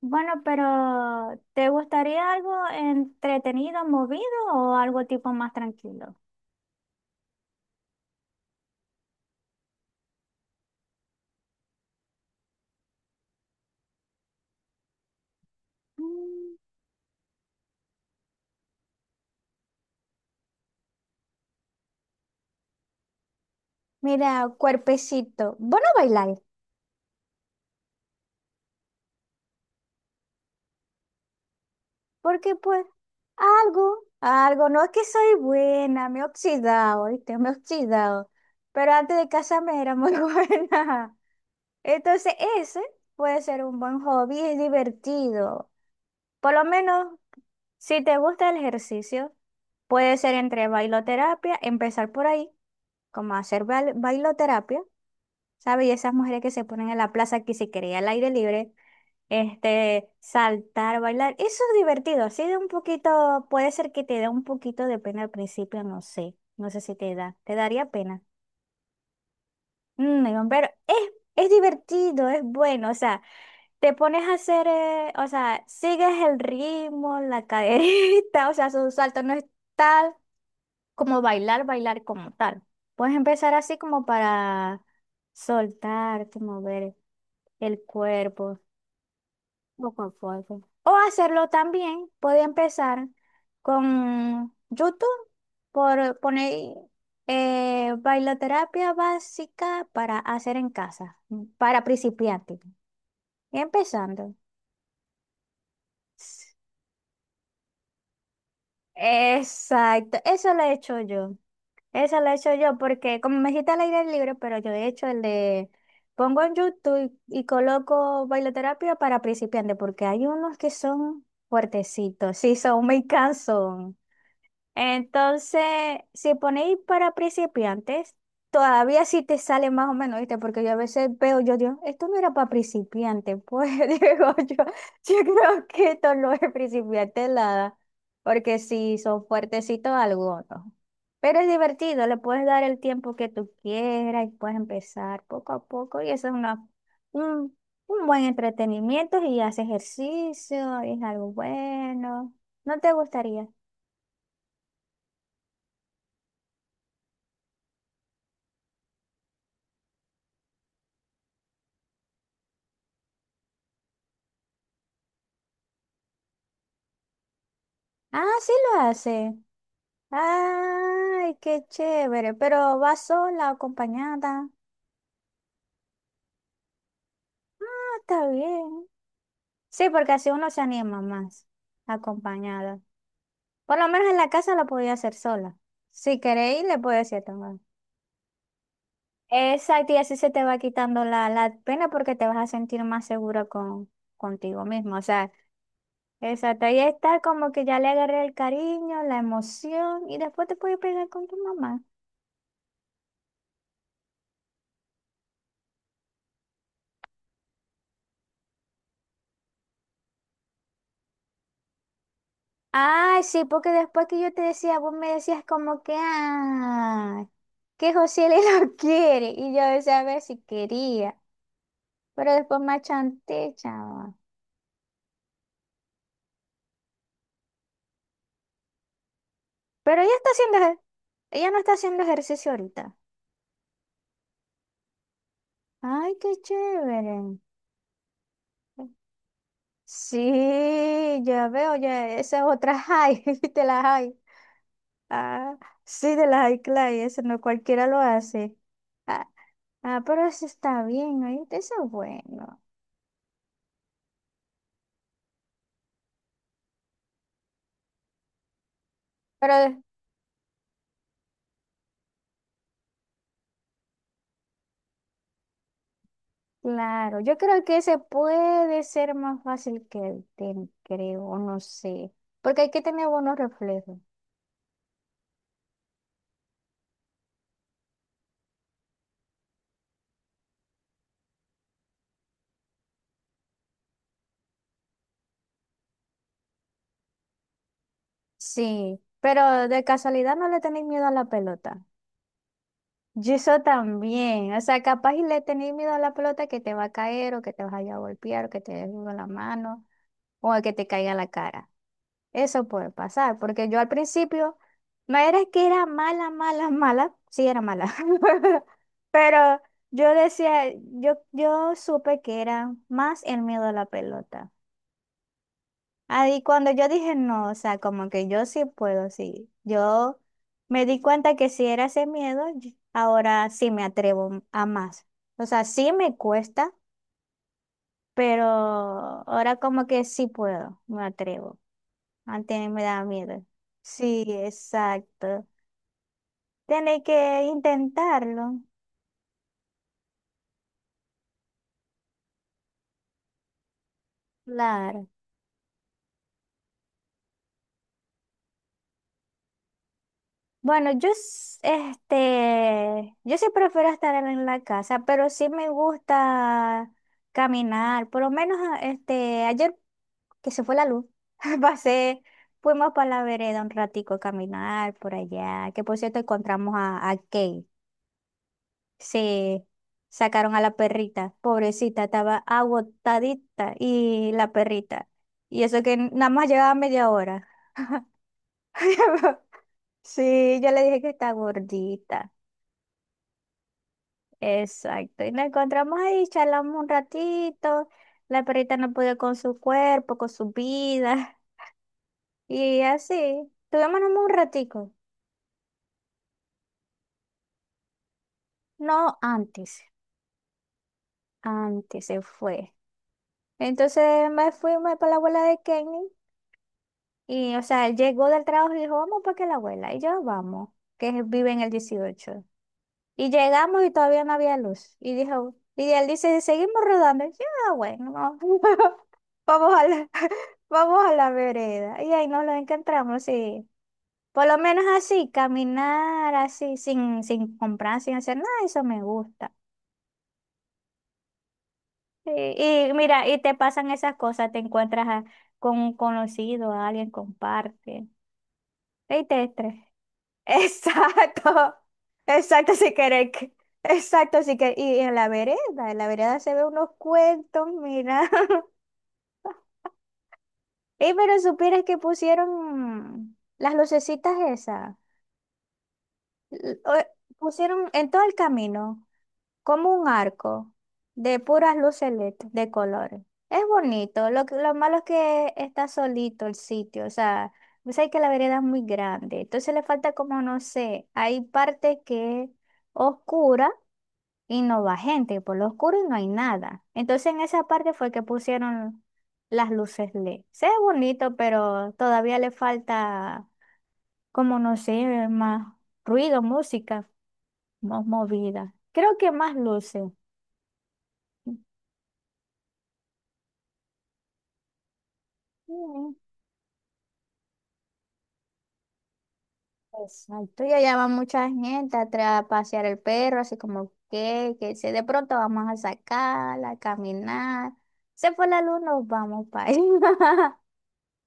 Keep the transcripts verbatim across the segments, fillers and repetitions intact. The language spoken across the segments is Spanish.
Bueno, pero ¿te gustaría algo entretenido, movido o algo tipo más tranquilo? Mm, Mira, cuerpecito, vos no bailáis, porque pues algo, algo, no es que soy buena, me he oxidado, ¿viste? Me he oxidado, pero antes de casarme era muy buena. Entonces ese puede ser un buen hobby, es divertido. Por lo menos, si te gusta el ejercicio, puede ser entre bailoterapia, empezar por ahí. Como hacer bail- bailoterapia, ¿sabes? Y esas mujeres que se ponen en la plaza que se quería al aire libre, este, saltar, bailar, eso es divertido, así de un poquito, puede ser que te dé un poquito de pena al principio, no sé, no sé si te da, te daría pena. Mm, digo, pero es, es divertido, es bueno, o sea, te pones a hacer, eh, o sea, sigues el ritmo, la caderita, o sea, su salto no es tal. Como bailar, bailar como tal. Puedes empezar así como para soltarte, mover el cuerpo poco a poco. O hacerlo también, puede empezar con YouTube por poner eh, bailoterapia básica para hacer en casa, para principiantes. Empezando. Exacto, eso lo he hecho yo. Eso lo he hecho yo porque como me dijiste al aire libre, pero yo he hecho el de pongo en YouTube y coloco bailoterapia para principiantes porque hay unos que son fuertecitos, sí, son muy cansos. Entonces, si ponéis para principiantes, todavía sí te sale más o menos, ¿viste? Porque yo a veces veo, yo digo, esto no era para principiantes, pues digo yo, yo creo que esto no es principiante nada, porque si son fuertecitos algunos. Pero es divertido, le puedes dar el tiempo que tú quieras y puedes empezar poco a poco y eso es una, un, un buen entretenimiento y haces ejercicio, es algo bueno. ¿No te gustaría? Ah, sí lo hace. Ay, qué chévere. Pero va sola, acompañada. Ah, está bien. Sí, porque así uno se anima más, acompañada. Por lo menos en la casa lo podía hacer sola. Si queréis, le puedo decir también. Exacto, y así se te va quitando la, la pena porque te vas a sentir más segura con, contigo mismo. O sea, exacto. Y está como que ya le agarré el cariño, la emoción, y después te puedes pegar con tu mamá. Ay, sí, porque después que yo te decía, vos me decías como que, ah, que José le lo quiere. Y yo decía, a ver si quería. Pero después me achanté, chava. Pero ella está haciendo, ejer- ella no está haciendo ejercicio ahorita. Ay, qué chévere. Sí, ya veo, ya, esa es otra high, de la high. Ah, sí, de la high class, eso no cualquiera lo hace. Ah, ah, pero eso está bien, ahí eso es bueno. Pero claro, yo creo que ese puede ser más fácil que el tenis, creo, o no sé, porque hay que tener buenos reflejos. Sí, pero de casualidad no le tenéis miedo a la pelota. Yo eso también, o sea, capaz y le tenéis miedo a la pelota que te va a caer o que te vas a ir a golpear o que te des con la mano o a que te caiga a la cara. Eso puede pasar, porque yo al principio, no era que era mala, mala, mala, sí era mala, pero yo decía, yo, yo supe que era más el miedo a la pelota. Ahí cuando yo dije, no, o sea, como que yo sí puedo, sí, yo me di cuenta que si era ese miedo, y- ahora sí me atrevo a más. O sea, sí me cuesta, pero ahora como que sí puedo, me atrevo. Antes me da miedo. Sí, exacto. Tiene que intentarlo. Claro. Bueno, yo s- este, yo sí prefiero estar en la casa, pero sí me gusta caminar. Por lo menos a- este, ayer que se fue la luz, pasé, fuimos para la vereda un ratico a caminar por allá, que por cierto encontramos a, a Kate. Sí, sacaron a la perrita, pobrecita, estaba agotadita y la perrita. Y eso que nada más llegaba media hora. Sí, yo le dije que está gordita. Exacto. Y nos encontramos ahí, charlamos un ratito. La perrita no podía con su cuerpo, con su vida. Y así, tuvimos nomás un ratico. No, antes, antes se fue. Entonces me fui me para la abuela de Kenny. Y, o sea, él llegó del trabajo y dijo, vamos para que la abuela. Y yo, vamos, que es- vive en el dieciocho. Y llegamos y todavía no había luz. Y dijo, y él dice, seguimos rodando. Y yo, "Ah, bueno, vamos vamos a la, vamos a la vereda". Y ahí nos lo encontramos, sí. Por lo menos así, caminar así, sin, sin comprar, sin hacer nada, eso me gusta. Y, y mira, y te pasan esas cosas, te encuentras a- con un conocido, a alguien, comparte. Y te estresas. Exacto, exacto, si querer, que- exacto, si querer. Y en la vereda, en la vereda se ve unos cuentos, mira. Y pero supieras que pusieron las lucecitas esas, l- o- pusieron en todo el camino como un arco de puras luces L E D de colores. Es bonito, lo, que- lo malo es que está solito el sitio, o sea, sabes que la vereda es muy grande, entonces le falta como, no sé, hay partes que oscuras y no va gente, por lo oscuro y no hay nada. Entonces en esa parte fue que pusieron las luces L E D. Se ve bonito, pero todavía le falta, como no sé, más ruido, música más movida. Creo que más luces. Mm, Exacto, ya llama mucha gente a tra- a pasear el perro, así como que, que, si de pronto vamos a sacarla, a caminar, se fue la luz, nos vamos para ahí,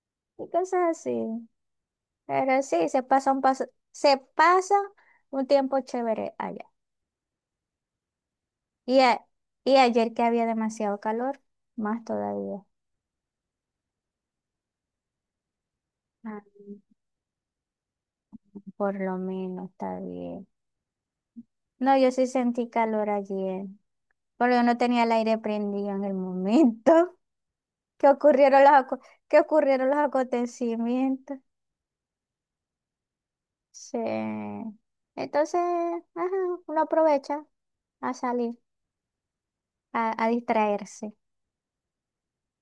y cosas así. Pero sí, se pasa un paso, se pasa un tiempo chévere allá. Y, a- y ayer que había demasiado calor, más todavía. Ah, por lo menos está bien. No, yo sí sentí calor ayer, porque yo no tenía el aire prendido en el momento que ocurrieron los, aco- que ocurrieron los acontecimientos. Sí. Entonces, ajá, uno aprovecha a salir, a, a distraerse.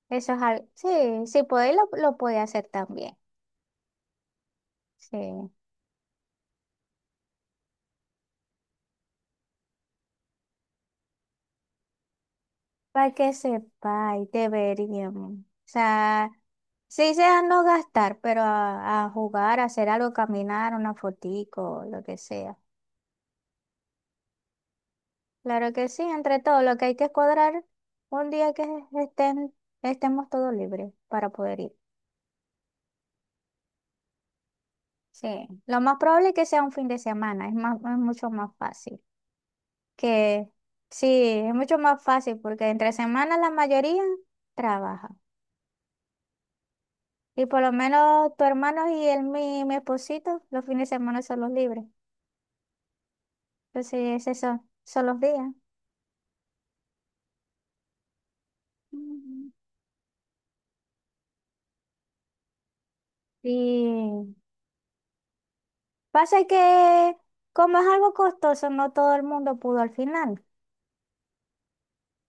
Eso es algo. Sí, sí, podéis, lo, lo podéis hacer también. Sí, para que sepáis, deberíamos. O sea, sí sea no gastar, pero a, a jugar, a hacer algo, caminar, una fotico, lo que sea. Claro que sí, entre todo, lo que hay que es cuadrar un día que estén, estemos todos libres para poder ir. Sí, lo más probable es que sea un fin de semana, es más, es mucho más fácil. Que sí, es mucho más fácil porque entre semana la mayoría trabaja. Y por lo menos tu hermano y el, mi, mi esposito, los fines de semana son los libres. Entonces, esos son, son los días. Mm. Y pasa que como es algo costoso, no todo el mundo pudo al final.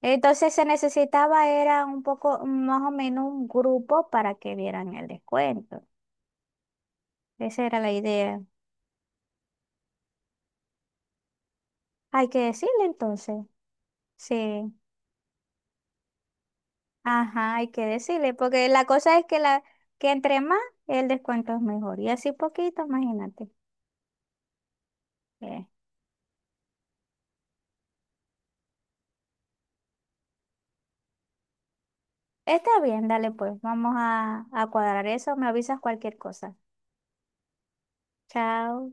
Entonces se necesitaba, era un poco, más o menos un grupo para que vieran el descuento. Esa era la idea. Hay que decirle entonces. Sí, ajá, hay que decirle, porque la cosa es que la, que entre más, el descuento es mejor. Y así poquito, imagínate. Eh, Está bien, dale pues, vamos a, a cuadrar eso, me avisas cualquier cosa. Chao.